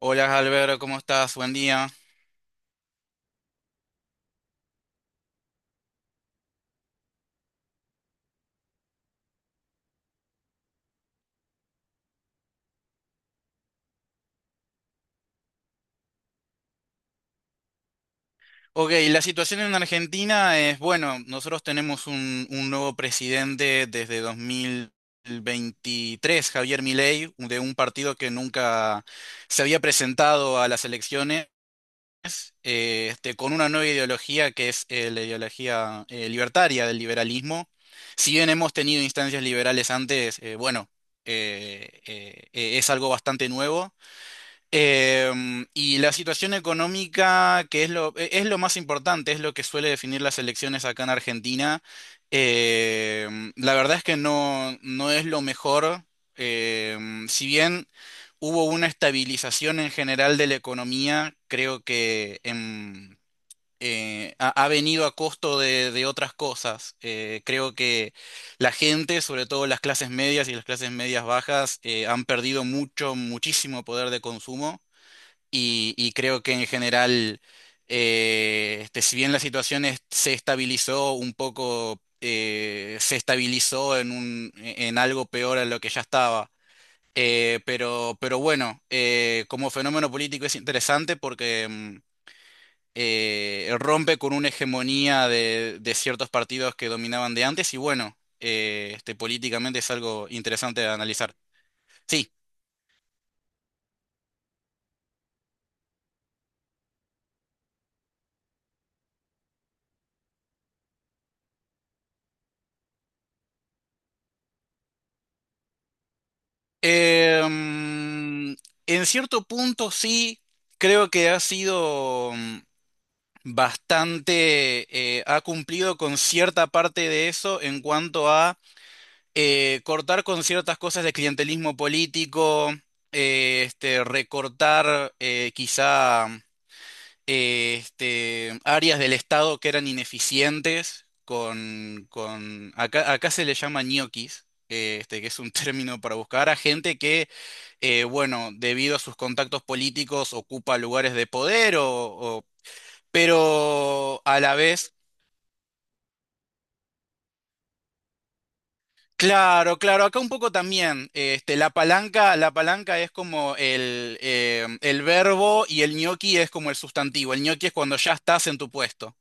Hola Alberto, ¿cómo estás? Buen día. Ok, la situación en Argentina es, bueno, nosotros tenemos un nuevo presidente desde 2023, Javier Milei, de un partido que nunca se había presentado a las elecciones, con una nueva ideología que es la ideología libertaria del liberalismo. Si bien hemos tenido instancias liberales antes, es algo bastante nuevo. Y la situación económica, que es es lo más importante, es lo que suele definir las elecciones acá en Argentina. La verdad es que no es lo mejor. Si bien hubo una estabilización en general de la economía, creo que ha venido a costo de otras cosas. Creo que la gente, sobre todo las clases medias y las clases medias bajas, han perdido mucho, muchísimo poder de consumo y creo que en general, si bien se estabilizó un poco, se estabilizó en en algo peor a lo que ya estaba. Pero bueno, como fenómeno político es interesante porque rompe con una hegemonía de ciertos partidos que dominaban de antes y bueno, políticamente es algo interesante de analizar. Sí. Em, en cierto punto sí, creo que ha sido bastante, ha cumplido con cierta parte de eso en cuanto a cortar con ciertas cosas de clientelismo político, recortar quizá áreas del Estado que eran ineficientes con acá, acá se le llama ñoquis, que es un término para buscar a gente que, bueno, debido a sus contactos políticos ocupa lugares de poder pero a la vez... Claro, claro, acá un poco también, la palanca es como el verbo y el ñoqui es como el sustantivo. El ñoqui es cuando ya estás en tu puesto.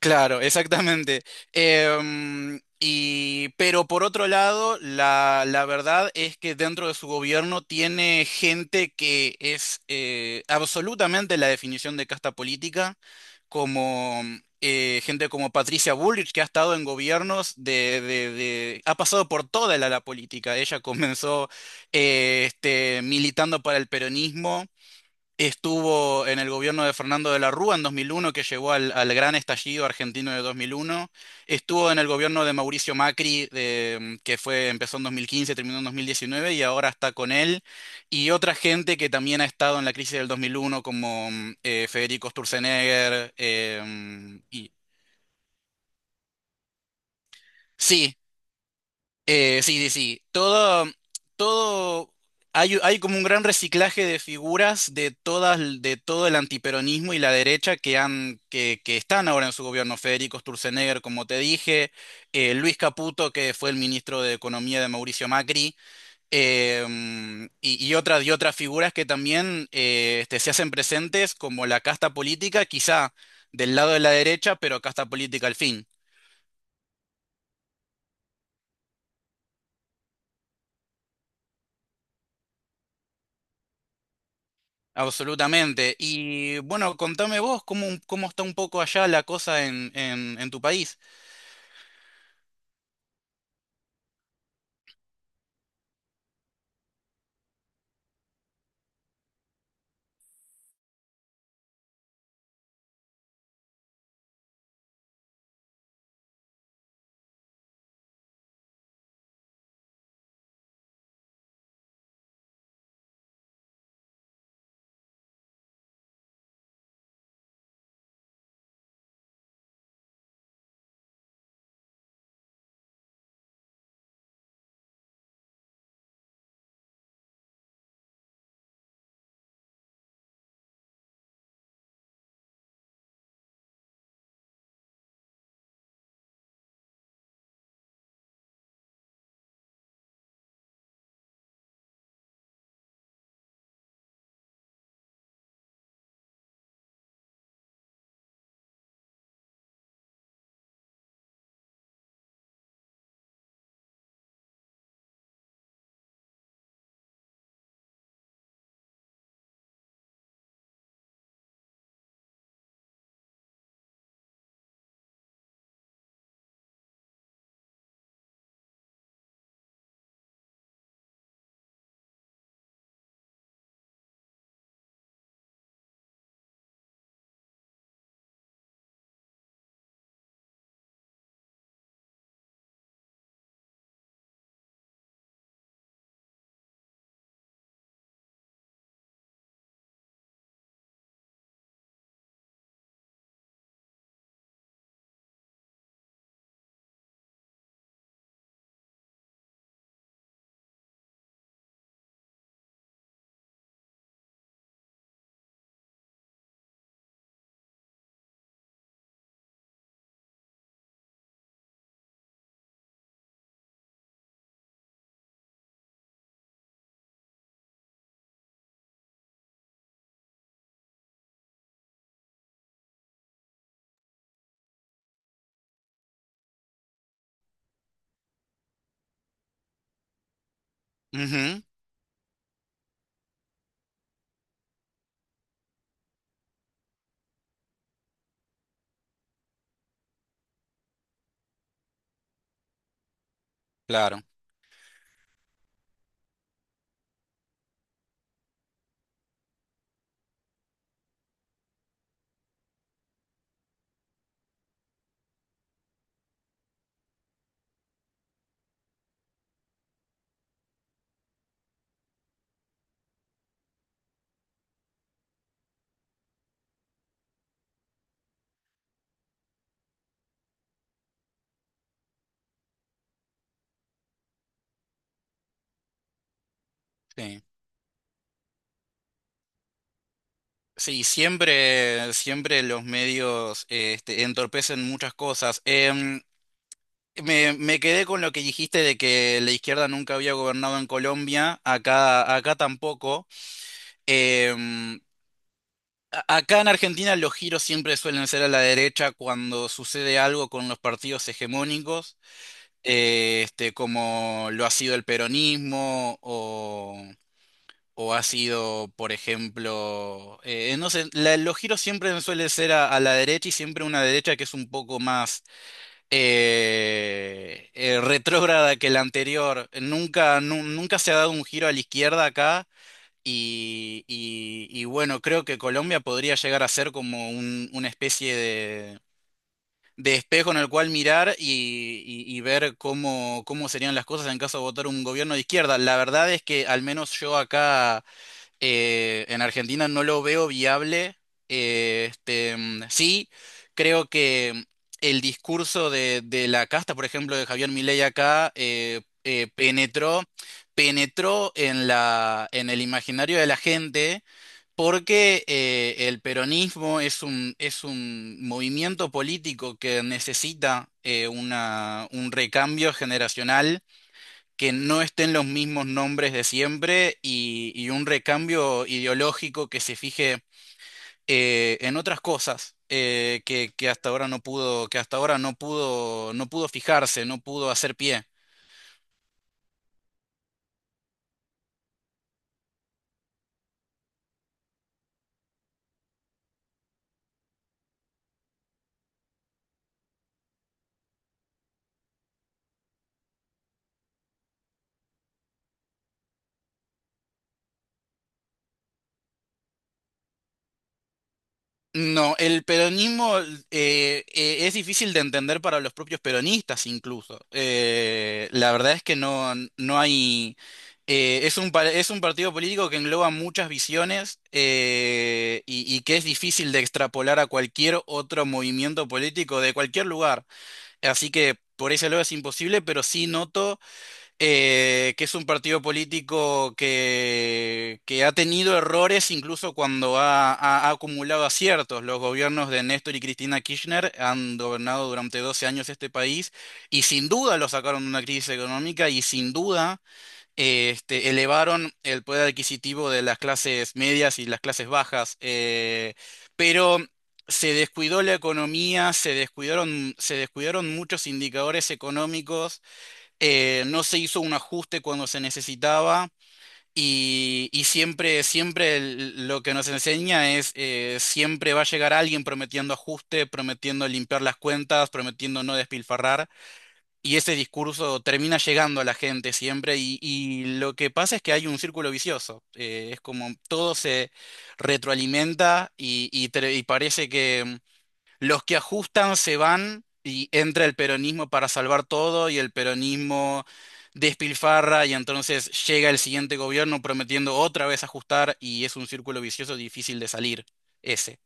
Claro, exactamente. Pero por otro lado, la verdad es que dentro de su gobierno tiene gente que es absolutamente la definición de casta política, como gente como Patricia Bullrich, que ha estado en gobiernos de, ha pasado por toda la política. Ella comenzó militando para el peronismo. Estuvo en el gobierno de Fernando de la Rúa en 2001, que llegó al gran estallido argentino de 2001. Estuvo en el gobierno de Mauricio Macri, que fue, empezó en 2015, terminó en 2019 y ahora está con él. Y otra gente que también ha estado en la crisis del 2001, como Federico Sturzenegger. Sí. Sí, sí, sí. Todo, hay como un gran reciclaje de figuras de todas, de todo el antiperonismo y la derecha que han, que están ahora en su gobierno. Federico Sturzenegger, como te dije, Luis Caputo, que fue el ministro de Economía de Mauricio Macri, y otras figuras que también se hacen presentes como la casta política, quizá del lado de la derecha, pero casta política al fin. Absolutamente. Y bueno, contame vos cómo, cómo está un poco allá la cosa en tu país. Ujú, claro, sí. Sí, siempre, siempre los medios este, entorpecen muchas cosas. Me quedé con lo que dijiste de que la izquierda nunca había gobernado en Colombia, acá, acá tampoco. Em, acá en Argentina los giros siempre suelen ser a la derecha cuando sucede algo con los partidos hegemónicos. Como lo ha sido el peronismo o ha sido, por ejemplo, no sé, los giros siempre suelen ser a la derecha y siempre una derecha que es un poco más retrógrada que la anterior. Nunca se ha dado un giro a la izquierda acá. Y bueno, creo que Colombia podría llegar a ser como una especie de espejo en el cual mirar y ver cómo, cómo serían las cosas en caso de votar un gobierno de izquierda. La verdad es que al menos yo acá en Argentina no lo veo viable. Sí, creo que el discurso de la casta, por ejemplo, de Javier Milei acá, penetró, penetró en en el imaginario de la gente. Porque el peronismo es es un movimiento político que necesita un recambio generacional, que no estén los mismos nombres de siempre y un recambio ideológico que se fije en otras cosas que hasta ahora no pudo, que hasta ahora no pudo, no pudo fijarse, no pudo hacer pie. No, el peronismo es difícil de entender para los propios peronistas incluso. La verdad es que no hay... es un partido político que engloba muchas visiones y que es difícil de extrapolar a cualquier otro movimiento político de cualquier lugar. Así que por ese lado es imposible, pero sí noto que es un partido político que ha tenido errores incluso cuando ha acumulado aciertos. Los gobiernos de Néstor y Cristina Kirchner han gobernado durante 12 años este país y sin duda lo sacaron de una crisis económica y sin duda elevaron el poder adquisitivo de las clases medias y las clases bajas. Eh, pero... se descuidó la economía, se descuidaron muchos indicadores económicos, no se hizo un ajuste cuando se necesitaba y siempre, lo que nos enseña es siempre va a llegar alguien prometiendo ajuste, prometiendo limpiar las cuentas, prometiendo no despilfarrar y ese discurso termina llegando a la gente siempre y lo que pasa es que hay un círculo vicioso, es como todo se retroalimenta y parece que... los que ajustan se van y entra el peronismo para salvar todo y el peronismo despilfarra y entonces llega el siguiente gobierno prometiendo otra vez ajustar y es un círculo vicioso difícil de salir. Ese.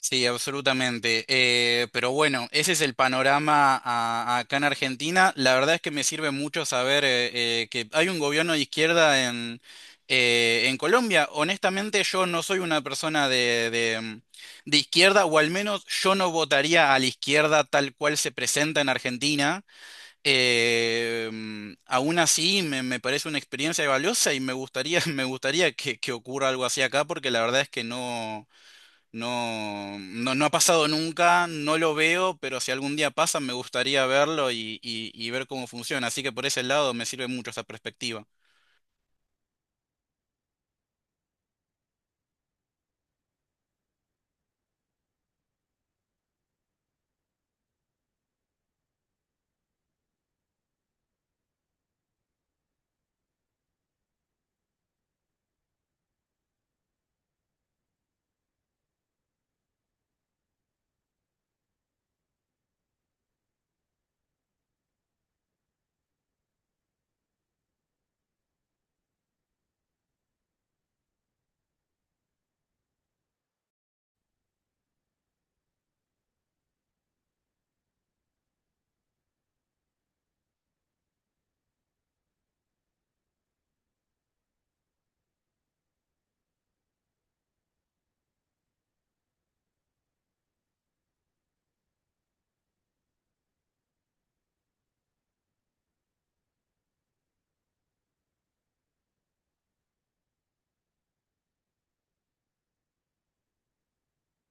Sí, absolutamente. Pero bueno, ese es el panorama acá en Argentina. La verdad es que me sirve mucho saber que hay un gobierno de izquierda en Colombia. Honestamente, yo no soy una persona de izquierda, o al menos yo no votaría a la izquierda tal cual se presenta en Argentina. Aún así, me parece una experiencia valiosa y me gustaría, me gustaría que ocurra algo así acá, porque la verdad es que no. No ha pasado nunca, no lo veo, pero si algún día pasa me gustaría verlo y ver cómo funciona. Así que por ese lado me sirve mucho esa perspectiva.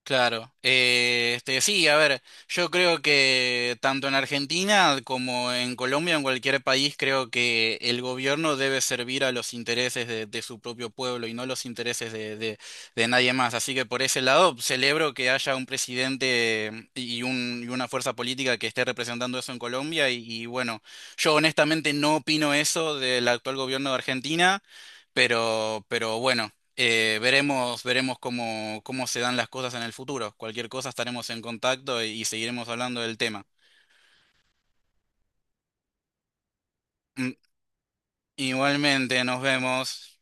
Claro. Sí, a ver, yo creo que tanto en Argentina como en Colombia, en cualquier país, creo que el gobierno debe servir a los intereses de su propio pueblo y no los intereses de nadie más. Así que por ese lado, celebro que haya un presidente y una fuerza política que esté representando eso en Colombia. Bueno, yo honestamente no opino eso del actual gobierno de Argentina, pero bueno. Veremos, veremos cómo, cómo se dan las cosas en el futuro. Cualquier cosa estaremos en contacto y seguiremos hablando del tema. Mm. Igualmente, nos vemos.